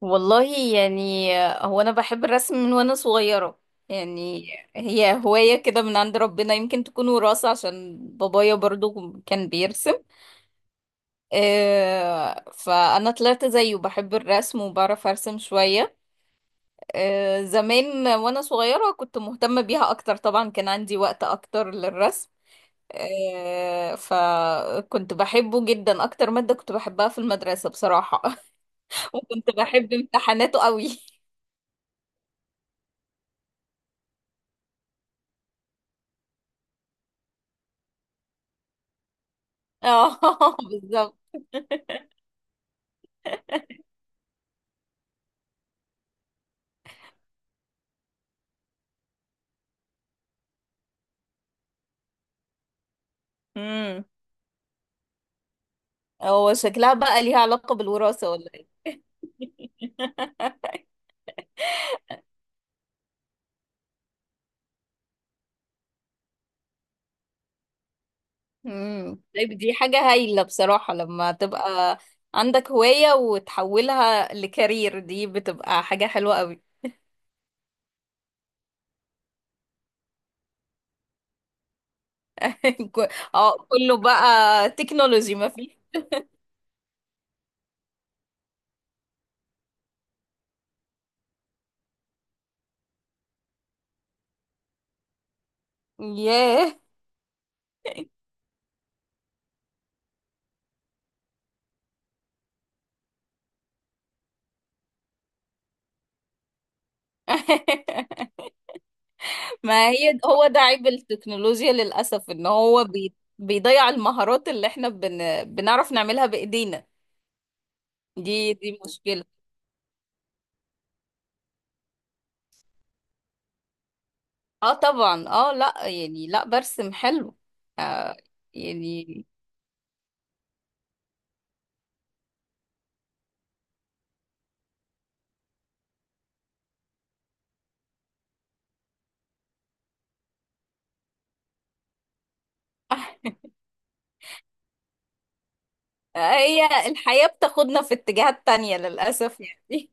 والله يعني، هو انا بحب الرسم من وانا صغيرة. يعني هي هواية كده من عند ربنا، يمكن تكون وراثة عشان بابايا برضو كان بيرسم. فانا طلعت زيه بحب الرسم وبعرف ارسم شوية. زمان وانا صغيرة كنت مهتمة بيها اكتر، طبعا كان عندي وقت اكتر للرسم. فكنت بحبه جدا، اكتر مادة كنت بحبها في المدرسة بصراحة. وكنت بحب امتحاناته قوي. اه. بالظبط. امم هو شكلها بقى ليها علاقة بالوراثة ولا ايه؟ طيب، دي حاجة هايلة بصراحة، لما تبقى عندك هواية وتحولها لكارير دي بتبقى حاجة حلوة قوي. ك- اه كله بقى تكنولوجي ما فيه. ياه. ما هي هو ده عيب التكنولوجيا للأسف، ان هو بيضيع المهارات اللي احنا بنعرف نعملها بإيدينا. دي مشكلة. اه طبعا، اه لا يعني، لا برسم حلو. آه يعني. هي الحياة بتاخدنا في اتجاهات تانية للأسف يعني.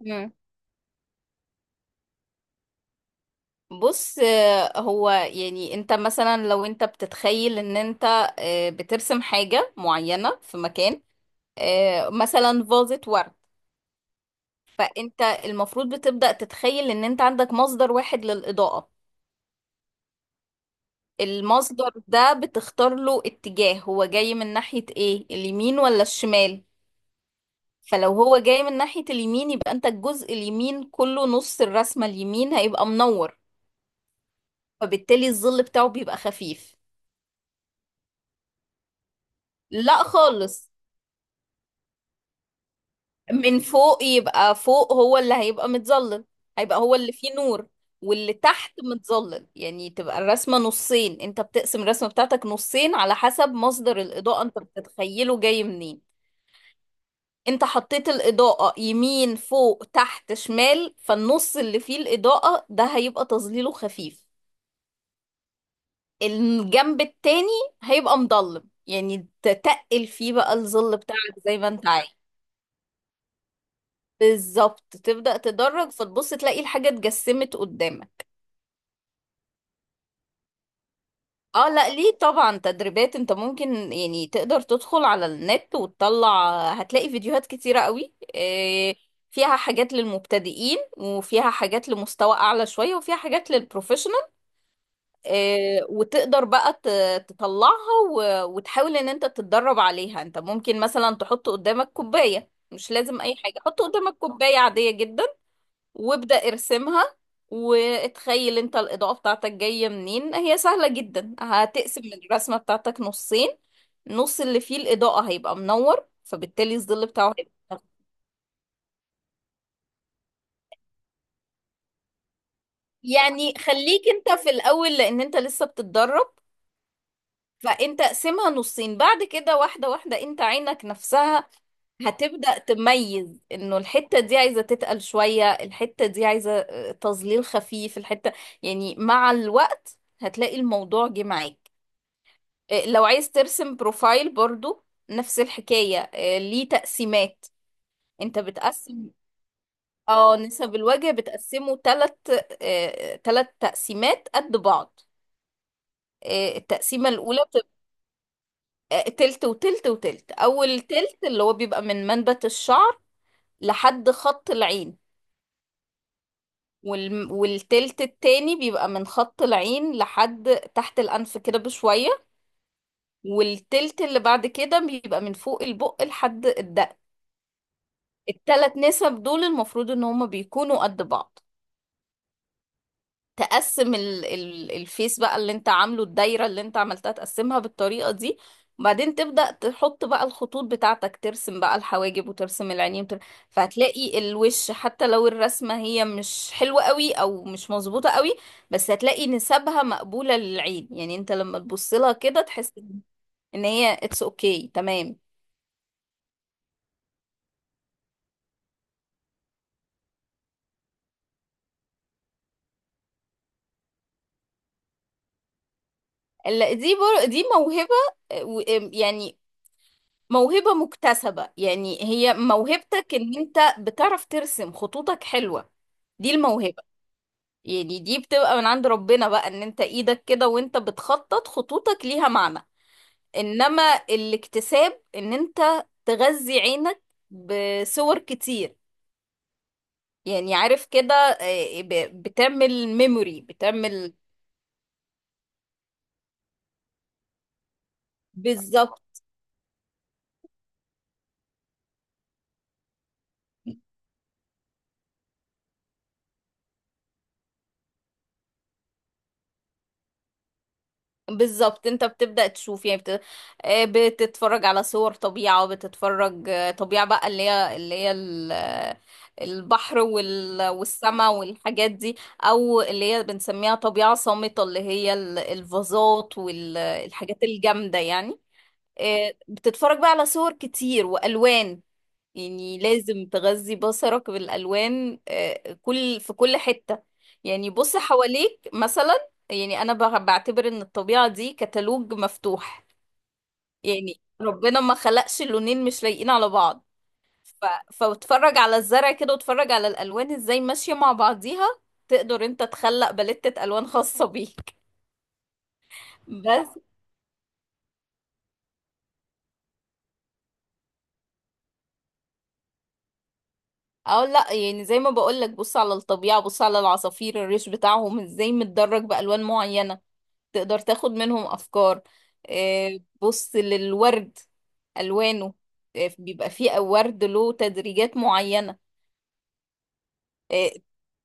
مم. بص، هو يعني انت مثلا لو انت بتتخيل ان انت بترسم حاجة معينة في مكان، مثلا فازة ورد. فانت المفروض بتبدأ تتخيل ان انت عندك مصدر واحد للإضاءة. المصدر ده بتختار له اتجاه، هو جاي من ناحية ايه، اليمين ولا الشمال؟ فلو هو جاي من ناحية اليمين، يبقى انت الجزء اليمين كله، نص الرسمة اليمين هيبقى منور. فبالتالي الظل بتاعه بيبقى خفيف. لا خالص، من فوق يبقى فوق هو اللي هيبقى متظلل. هيبقى هو اللي فيه نور. واللي تحت متظلل، يعني تبقى الرسمة نصين، انت بتقسم الرسمة بتاعتك نصين على حسب مصدر الإضاءة انت بتتخيله جاي منين. انت حطيت الإضاءة يمين فوق تحت شمال، فالنص اللي فيه الإضاءة ده هيبقى تظليله خفيف. الجنب التاني هيبقى مضلم، يعني تتقل فيه بقى الظل بتاعك زي ما انت عايز. بالظبط، تبدأ تدرج فتبص تلاقي الحاجة اتجسمت قدامك. اه لا ليه، طبعا تدريبات. انت ممكن يعني تقدر تدخل على النت وتطلع هتلاقي فيديوهات كتيرة قوي، فيها حاجات للمبتدئين وفيها حاجات لمستوى اعلى شوية وفيها حاجات للبروفيشنال. وتقدر بقى تطلعها وتحاول ان انت تتدرب عليها. انت ممكن مثلا تحط قدامك كوباية، مش لازم اي حاجة، حط قدامك كوباية عادية جدا وابدأ ارسمها. واتخيل انت الإضاءة بتاعتك جاية منين، هي سهلة جدا، هتقسم الرسمة بتاعتك نصين. نص اللي فيه الإضاءة هيبقى منور، فبالتالي الظل بتاعه هيبقى منور. يعني خليك انت في الأول لأن انت لسه بتتدرب، فانت اقسمها نصين. بعد كده واحدة واحدة انت عينك نفسها هتبدأ تميز انه الحتة دي عايزة تتقل شوية، الحتة دي عايزة تظليل خفيف، الحتة يعني مع الوقت هتلاقي الموضوع جه معاك. لو عايز ترسم بروفايل برضو نفس الحكاية، ليه تقسيمات. انت بتقسم، اه، نسب الوجه بتقسمه تلت، تلت تقسيمات قد بعض. التقسيمة الأولى بتبقى تلت وتلت وتلت. أول تلت اللي هو بيبقى من منبت الشعر لحد خط العين، والتلت التاني بيبقى من خط العين لحد تحت الأنف كده بشوية. والتلت اللي بعد كده بيبقى من فوق البق لحد الدق. التلات نسب دول المفروض ان هما بيكونوا قد بعض. تقسم ال الفيس بقى اللي انت عامله، الدايرة اللي انت عملتها تقسمها بالطريقة دي، وبعدين تبدأ تحط بقى الخطوط بتاعتك، ترسم بقى الحواجب وترسم العينين فهتلاقي الوش حتى لو الرسمة هي مش حلوة قوي او مش مظبوطة قوي، بس هتلاقي نسبها مقبولة للعين. يعني انت لما تبص لها كده تحس ان هي اتس اوكي okay، تمام. دي موهبة، آه، و- يعني موهبة مكتسبة، يعني هي موهبتك ان انت بتعرف ترسم خطوطك حلوة. دي الموهبة، يعني دي بتبقى من عند ربنا بقى، ان انت ايدك كده وانت بتخطط خطوطك ليها معنى. انما الاكتساب ان انت تغذي عينك بصور كتير، يعني عارف كده، بتعمل ميموري، بتعمل. بالظبط بالظبط، انت بتبدأ تشوف، يعني بتتفرج على صور طبيعة، وبتتفرج طبيعة بقى، اللي هي البحر والسماء والحاجات دي، او اللي هي بنسميها طبيعة صامتة اللي هي الفازات والحاجات الجامدة يعني. بتتفرج بقى على صور كتير والوان، يعني لازم تغذي بصرك بالالوان كل في كل حتة. يعني بص حواليك مثلا، يعني انا بعتبر ان الطبيعة دي كتالوج مفتوح. يعني ربنا ما خلقش اللونين مش لايقين على بعض. ف... فاتفرج على الزرع كده، واتفرج على الالوان ازاي ماشية مع بعضيها، تقدر انت تخلق باليتة الوان خاصة بيك. بس اه لا، يعني زي ما بقولك، بص على الطبيعة، بص على العصافير الريش بتاعهم ازاي متدرج بألوان معينة، تقدر تاخد منهم أفكار. بص للورد ألوانه، بيبقى فيه ورد له تدريجات معينة. آه،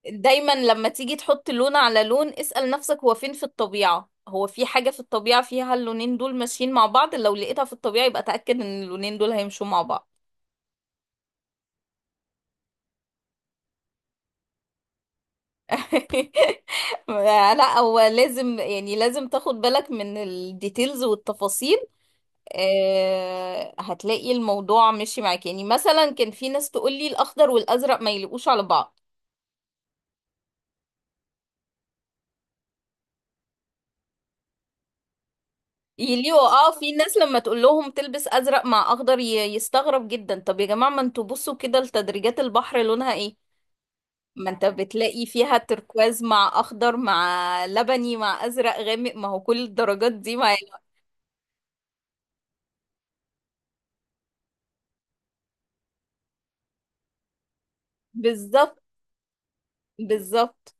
دايما لما تيجي تحط لون على لون، اسأل نفسك هو فين في الطبيعة؟ هو في حاجة في الطبيعة فيها اللونين دول ماشيين مع بعض؟ لو لقيتها في الطبيعة يبقى تأكد ان اللونين دول هيمشوا مع بعض. لا هو لازم، يعني لازم تاخد بالك من الديتيلز والتفاصيل. هتلاقي الموضوع ماشي معاك. يعني مثلا كان في ناس تقول لي الاخضر والازرق ما يليقوش على بعض، يليقوا اه. في ناس لما تقول لهم تلبس ازرق مع اخضر يستغرب جدا. طب يا جماعة، ما انتوا بصوا كده لتدريجات البحر لونها ايه، ما انت بتلاقي فيها تركواز مع اخضر مع لبني مع ازرق غامق، ما هو كل الدرجات دي ما يليق- بالظبط بالظبط.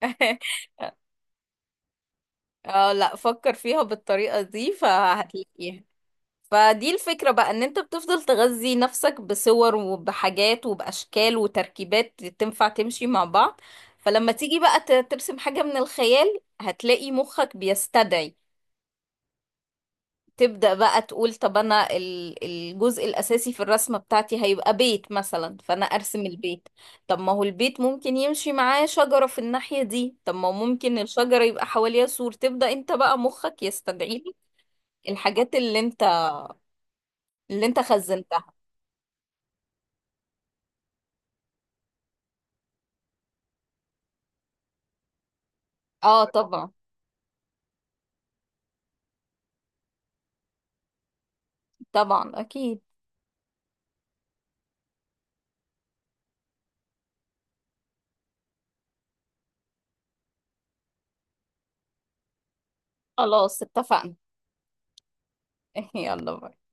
اه لا، فكر فيها بالطريقة دي فهتلاقيها. فدي الفكرة بقى، ان انت بتفضل تغذي نفسك بصور وبحاجات وبأشكال وتركيبات تنفع تمشي مع بعض. فلما تيجي بقى ترسم حاجة من الخيال، هتلاقي مخك بيستدعي. تبدأ بقى تقول، طب انا الجزء الأساسي في الرسمة بتاعتي هيبقى بيت مثلا، فانا ارسم البيت. طب ما هو البيت ممكن يمشي معاه شجرة في الناحية دي، طب ما هو ممكن الشجرة يبقى حواليها سور. تبدأ انت بقى مخك يستدعي الحاجات اللي انت خزنتها. اه طبعا، طبعا اكيد. خلاص اتفقنا. يلا بقى.